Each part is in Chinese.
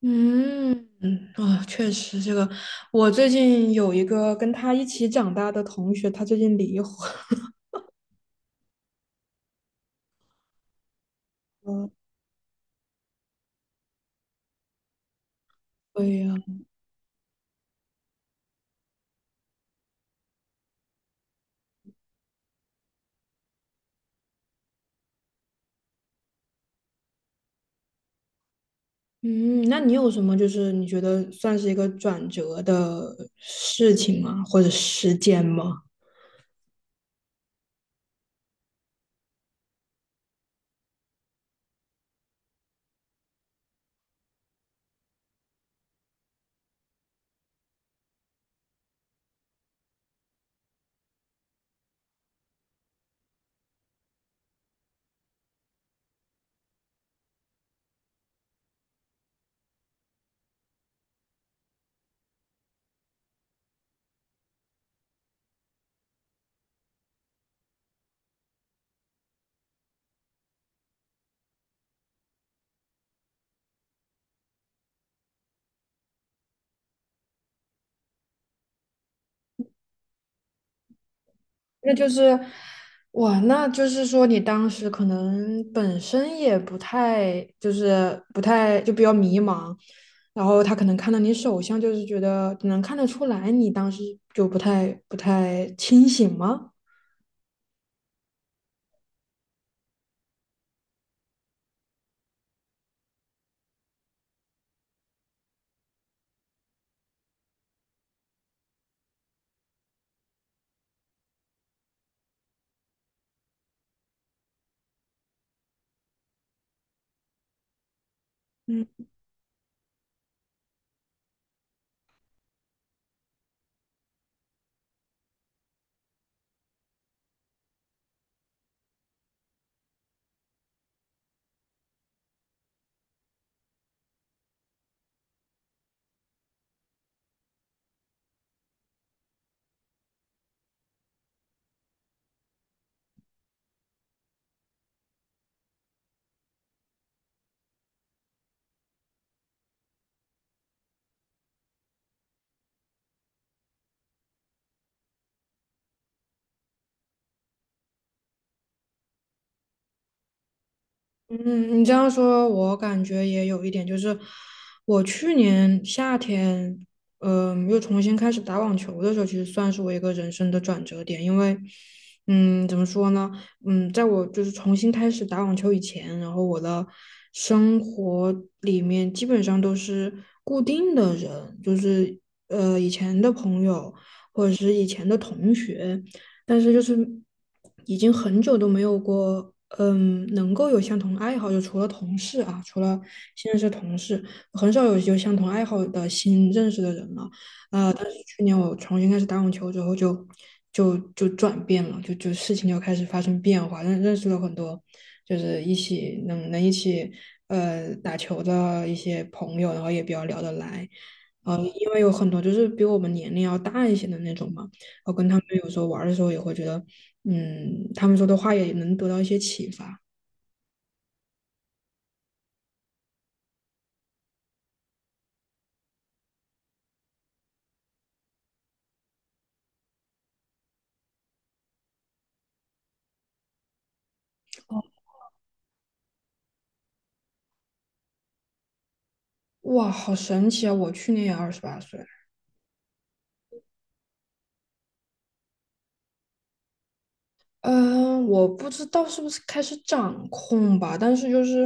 嗯嗯啊，确实，这个我最近有一个跟他一起长大的同学，他最近离婚了，嗯，那你有什么你觉得算是一个转折的事情吗？或者时间吗？那就是，哇，那就是说你当时可能本身也不太，不太就比较迷茫，然后他可能看到你手相，就是觉得能看得出来你当时就不太清醒吗？嗯。嗯，你这样说，我感觉也有一点，就是我去年夏天，又重新开始打网球的时候，其实算是我一个人生的转折点，因为，嗯，怎么说呢，嗯，在我重新开始打网球以前，然后我的生活里面基本上都是固定的人，就是以前的朋友或者是以前的同学。但是就是已经很久都没有过，嗯，能够有相同爱好，就除了同事啊，除了现在是同事，很少有相同爱好的新认识的人了。但是去年我重新开始打网球之后就，就转变了，就事情就开始发生变化，认识了很多，就是一起能一起打球的一些朋友，然后也比较聊得来。呃，因为有很多就是比我们年龄要大一些的那种嘛，我跟他们有时候玩的时候也会觉得，嗯，他们说的话也能得到一些启发。哦，哇，好神奇啊！我去年也二十八岁了。嗯，我不知道是不是开始掌控吧，但是就是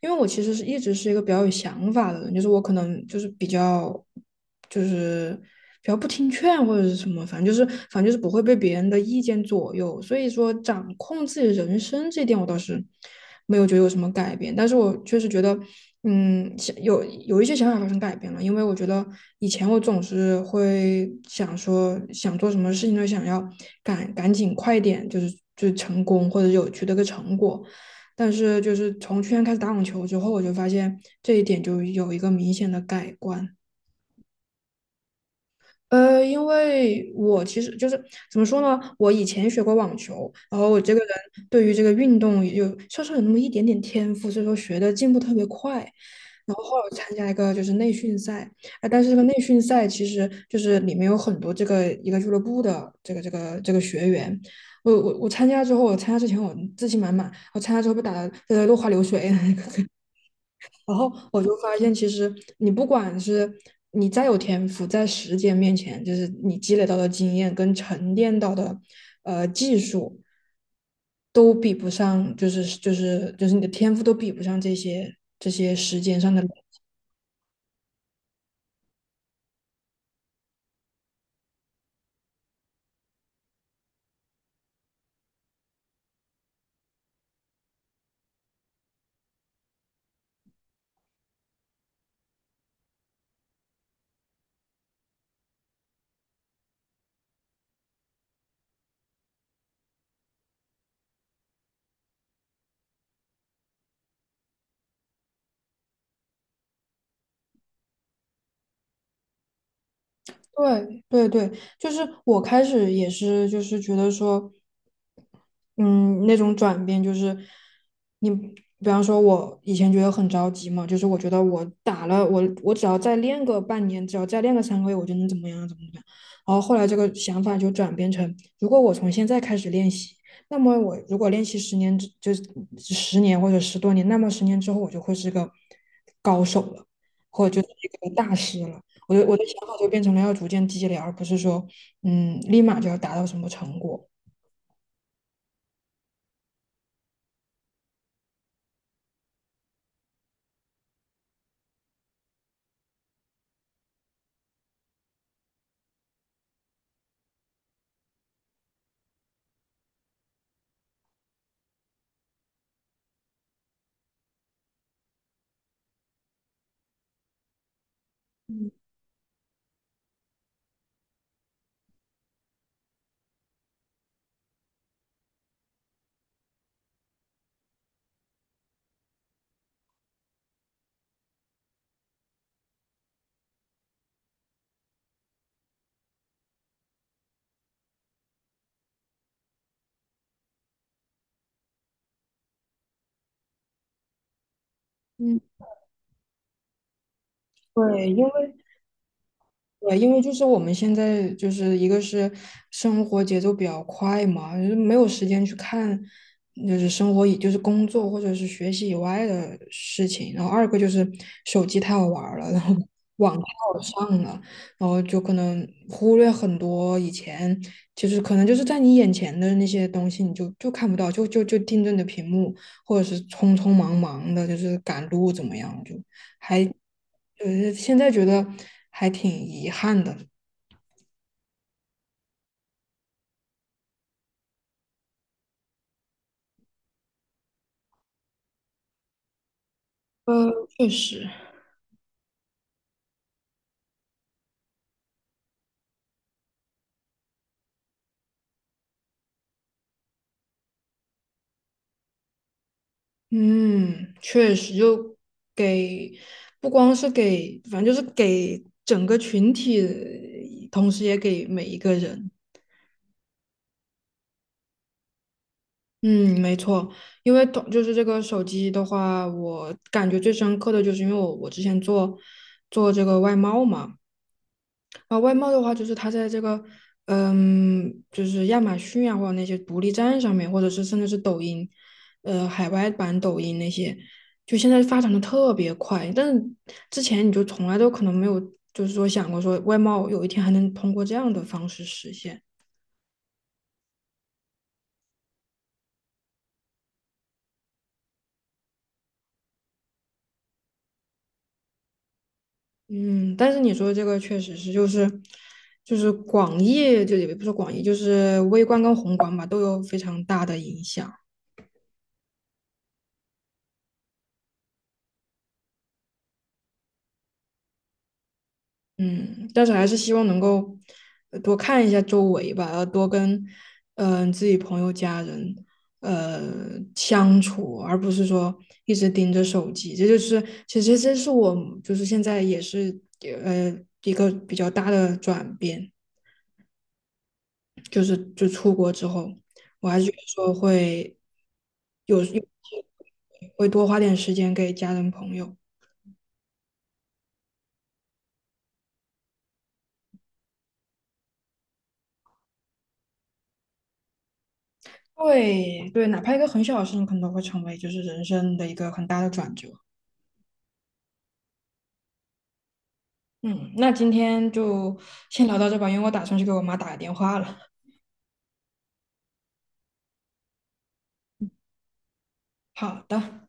因为我其实是一直是一个比较有想法的人，就是我可能就是比较就是比较不听劝或者是什么，反正就是不会被别人的意见左右，所以说掌控自己人生这一点我倒是没有觉得有什么改变。但是我确实觉得，嗯，想有一些想法发生改变了，因为我觉得以前我总是会想说，想做什么事情都想要赶紧快点，就是成功或者有取得个成果。但是就是从去年开始打网球之后，我就发现这一点就有一个明显的改观。呃，因为我其实就是怎么说呢，我以前学过网球，然后我这个人对于这个运动稍稍有那么一点点天赋，所以说学的进步特别快。然后后来我参加一个就是内训赛，啊，但是这个内训赛其实就是里面有很多这个一个俱乐部的这个学员。我参加之后，我参加之前我自信满满，我参加之后被打的落花流水。然后我就发现，其实你不管是你再有天赋，在时间面前，就是你积累到的经验跟沉淀到的技术，都比不上，就是你的天赋都比不上这些时间上的累。对对对，就是我开始也是，就是觉得说，嗯，那种转变就是你，比方说，我以前觉得很着急嘛，就是我觉得我打了我，我只要再练个半年，只要再练个三个月，我就能怎么样怎么样。然后后来这个想法就转变成，如果我从现在开始练习，那么我如果练习十年之，就是十年或者十多年，那么十年之后我就会是个高手了，或者就是一个大师了。我的想法就变成了要逐渐积累，而不是说，嗯，立马就要达到什么成果。嗯，对，因为就是我们现在就是一个是生活节奏比较快嘛，就是没有时间去看，就是生活以就是工作或者是学习以外的事情。然后二个就是手机太好玩儿了，然后网太好上了，然后就可能忽略很多以前就是可能就是在你眼前的那些东西，你就看不到，就盯着你的屏幕，或者是匆匆忙忙的，就是赶路怎么样，就还。呃，现在觉得还挺遗憾的。呃，确实，嗯，确实，就给不光是给，反正就是给整个群体，同时也给每一个人。嗯，没错，因为就是这个手机的话，我感觉最深刻的就是因为我之前做这个外贸嘛，啊，外贸的话，就是它在这个，嗯，就是亚马逊啊，或者那些独立站上面，或者是甚至是抖音，呃，海外版抖音那些，就现在发展的特别快。但是之前你就从来都可能没有，就是说想过说外贸有一天还能通过这样的方式实现。嗯，但是你说这个确实是，就是就是广义，就也不是广义，就是微观跟宏观吧，都有非常大的影响。嗯，但是还是希望能够多看一下周围吧，要多跟自己朋友、家人呃相处，而不是说一直盯着手机。这就是其实这是我就是现在也是呃一个比较大的转变，就出国之后，我还是觉得说会有有会多花点时间给家人朋友。对对，哪怕一个很小的事情，可能都会成为就是人生的一个很大的转折。嗯，那今天就先聊到这吧，因为我打算去给我妈打个电话了。好的。